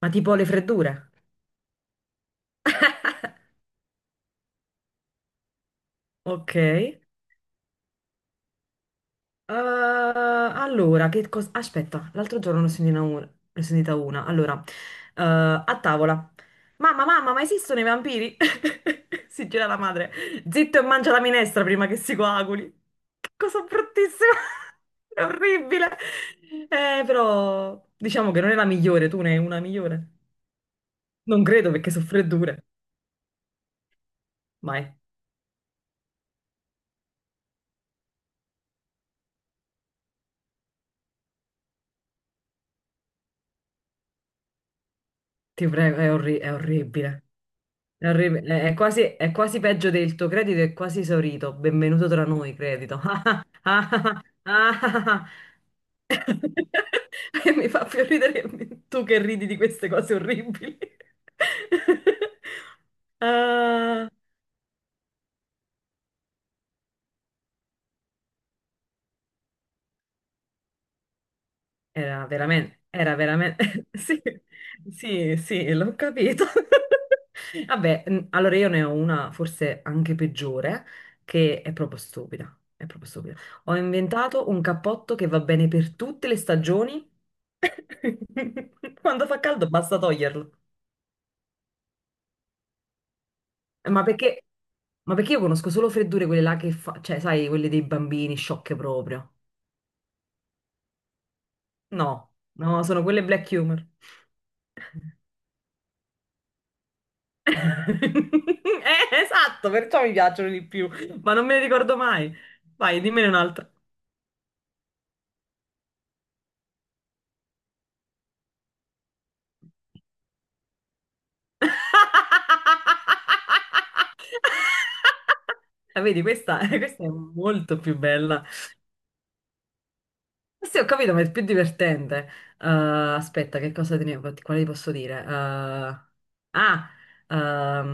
Ma tipo le freddure? Ok. Allora, che cosa... Aspetta, l'altro giorno ne ho sentita una. Ne ho sentita una. Allora, a tavola. Mamma, mamma, ma esistono i vampiri? Si gira la madre. Zitto e mangia la minestra prima che si coaguli. Che cosa bruttissima. È orribile. Però, diciamo che non è la migliore. Tu ne hai una migliore? Non credo perché sono freddure. Mai. Ti prego, è orribile. È quasi, è quasi peggio del tuo credito, è quasi esaurito. Benvenuto tra noi, credito. Ah, ah, ah, ah, ah. E mi fa più ridere tu che ridi di queste cose orribili. Ah. Era veramente, sì, sì, sì, l'ho capito. Vabbè, allora io ne ho una forse anche peggiore, che è proprio stupida, è proprio stupida. Ho inventato un cappotto che va bene per tutte le stagioni. Quando fa caldo basta toglierlo. Eh, Ma perché, ma perché io conosco solo freddure quelle là che fa, cioè, sai, quelle dei bambini sciocche proprio. No, no, sono quelle black humor. Esatto, perciò mi piacciono di più, ma non me ne ricordo mai. Vai, dimmene un'altra. Ah, vedi, questa, questa è molto più bella. Sì, ho capito, ma è più divertente. Aspetta, che cosa te ne, quale ti posso dire? Ah, ehm,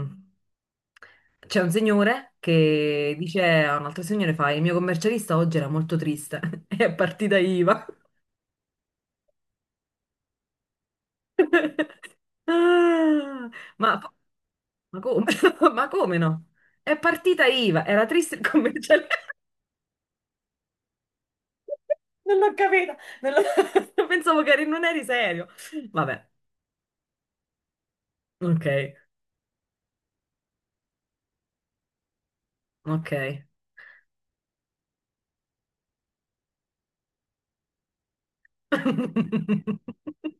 C'è un signore che dice a un altro signore, fa, il mio commercialista oggi era molto triste, è partita IVA. Ah, ma, ma come? Ma come no? È partita IVA, era triste il commerciale. Non l'ho capita, non l'ho- pensavo non eri serio. Vabbè, ok, ok.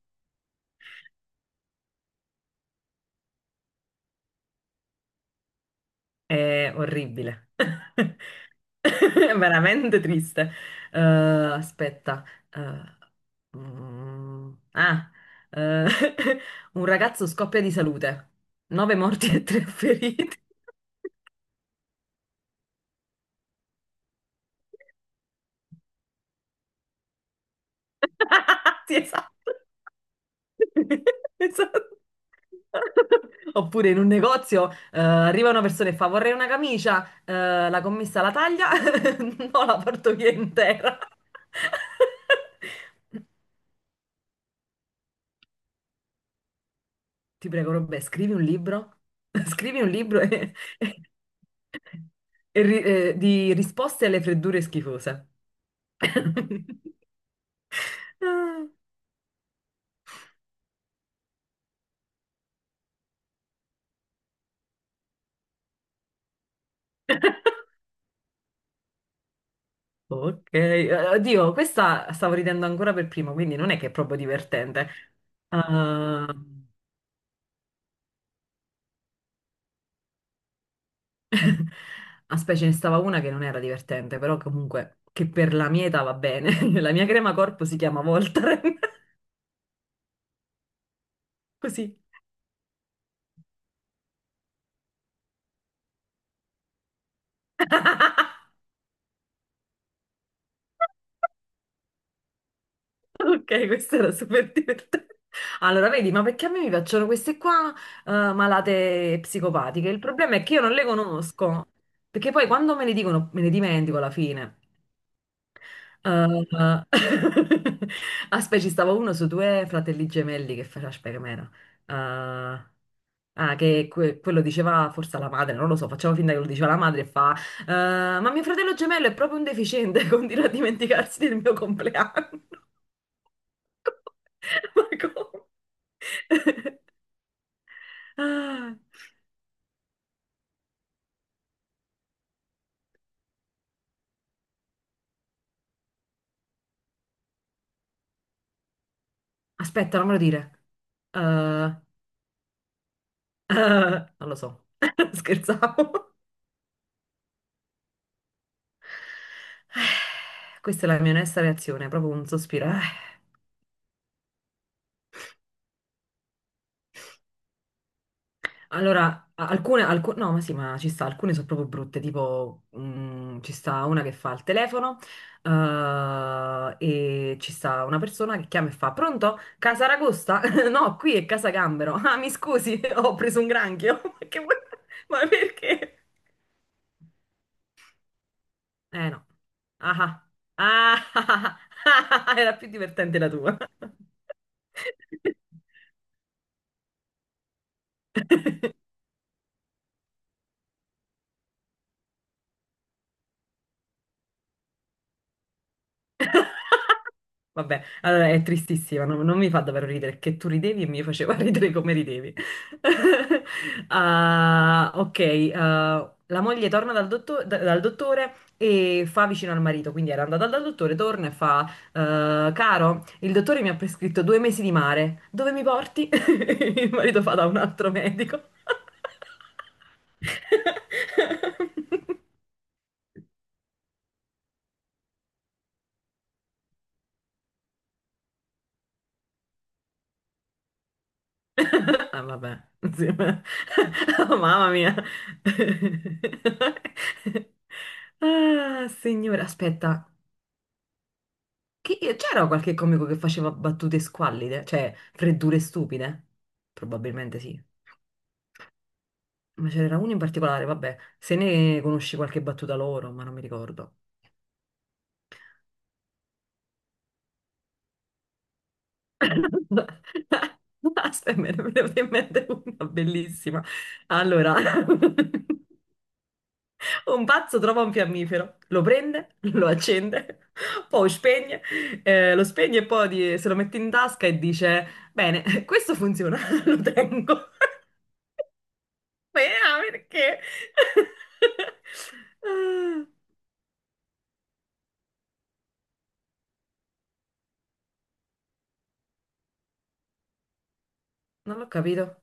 È orribile. È veramente triste. Aspetta. eh, mm, ah, eh, un ragazzo scoppia di salute. Nove morti e tre feriti. Sì, esatto. Esatto. Oppure in un negozio arriva una persona e fa vorrei una camicia, la commessa la taglia, no, la porto via intera. Ti prego, Robè, scrivi un libro, scrivi un libro di risposte alle freddure schifose. Ah. Ok, oddio, questa stavo ridendo ancora per primo, quindi non è che è proprio divertente. Ehm, Ah, Aspetta, ce ne stava una che non era divertente, però comunque che per la mia età va bene. La mia crema corpo si chiama Voltaren. Così. Ok, questa era super divertente. Allora, vedi, ma perché a me mi piacciono queste qua, malate psicopatiche? Il problema è che io non le conosco, perché poi quando me le dicono me ne dimentico alla fine. Ah, aspetta, ci stava uno su due fratelli gemelli che faceva, aspetta, com'era? Ah, che quello diceva forse alla madre, non lo so, facciamo finta che lo diceva la madre e fa, "Ah, ma mio fratello gemello è proprio un deficiente, continua a dimenticarsi del mio compleanno. Ma come? Ah. Aspetta, non me lo dire. Ah, non lo so, scherzavo. Questa è la mia onesta reazione, proprio un sospiro. Allora, no, ma sì, ma ci sta, alcune sono proprio brutte, tipo ci sta una che fa il telefono eh, e ci sta una persona che chiama e fa, pronto? Casa Ragosta? No, qui è Casa Gambero. Ah, mi scusi, ho preso un granchio. Ma perché? Eh no. Ah, ah, ah, ah, ah, ah, era più divertente la tua. Vabbè, allora è tristissima, non mi fa davvero ridere, che tu ridevi e mi faceva ridere come ridevi. Ah, ok, ah, la moglie torna dal dottore e fa vicino al marito, quindi era andata dal dottore, torna e fa, caro, il dottore mi ha prescritto due mesi di mare, dove mi porti? Il marito fa da un altro medico. Ah, vabbè, sì, ma- oh, mamma mia. Ah, signore, aspetta, c'era qualche comico che faceva battute squallide, cioè freddure stupide? Probabilmente sì. Ma ce n'era uno in particolare, vabbè, se ne conosci qualche battuta loro, ma non mi ricordo. Aspetta, me ne è venuta in mente una bellissima. Allora, un pazzo trova un fiammifero, lo prende, lo accende, poi spegne, lo spegne e poi se lo mette in tasca e dice: bene, questo funziona, lo tengo. Beh, ah, perché? Ah, non l'ho capito.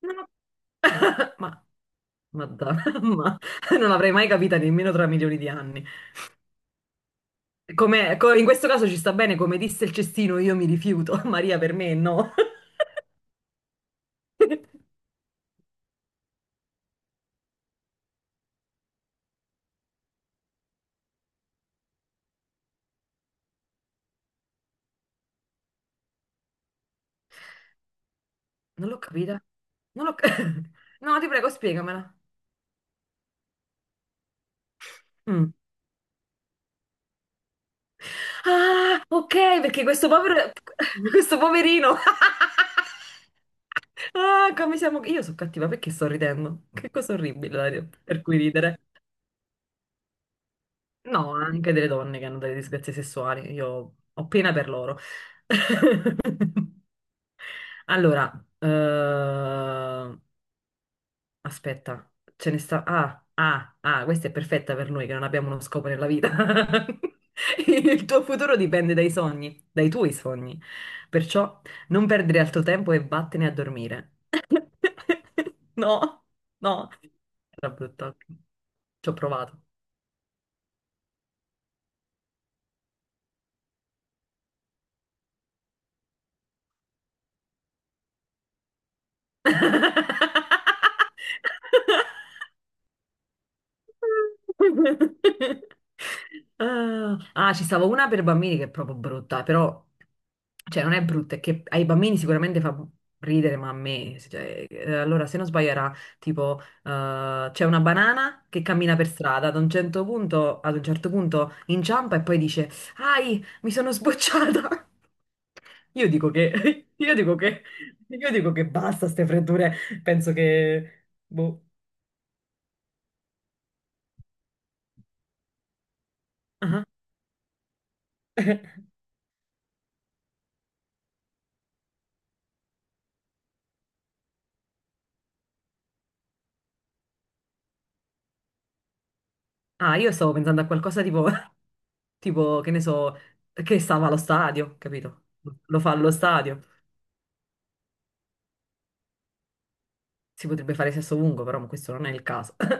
Non ho- ma, madonna, ma non l'avrei mai capita nemmeno tra milioni di anni. In questo caso ci sta bene, come disse il cestino, io mi rifiuto. Maria, per me no. Non l'ho capita. Non l'ho... ca- no, ti prego, spiegamela. Mm. Ah, ok, perché questo povero... questo poverino... Ah, come siamo... Io sono cattiva perché sto ridendo. Che cosa orribile, Dario, per cui ridere. No, anche delle donne che hanno delle disgrazie sessuali. Io ho pena per loro. Allora, eh, aspetta, ce ne sta. Questa è perfetta per noi che non abbiamo uno scopo nella vita. Il tuo futuro dipende dai sogni, dai tuoi sogni. Perciò non perdere altro tempo e vattene a dormire. No, no. Era brutto. Ci ho provato. Ci stavo una per bambini che è proprio brutta, però, cioè, non è brutta, è che ai bambini sicuramente fa ridere, ma a me, cioè, allora, se non sbaglio era tipo, c'è una banana che cammina per strada, ad un certo punto inciampa e poi dice, ai, mi sono sbocciata. Io dico che, io dico che basta ste freddure, penso che, boh. Ah, io stavo pensando a qualcosa tipo, tipo, che ne so, che stava allo stadio, capito? Lo fa allo stadio. Si potrebbe fare sesso lungo, però questo non è il caso.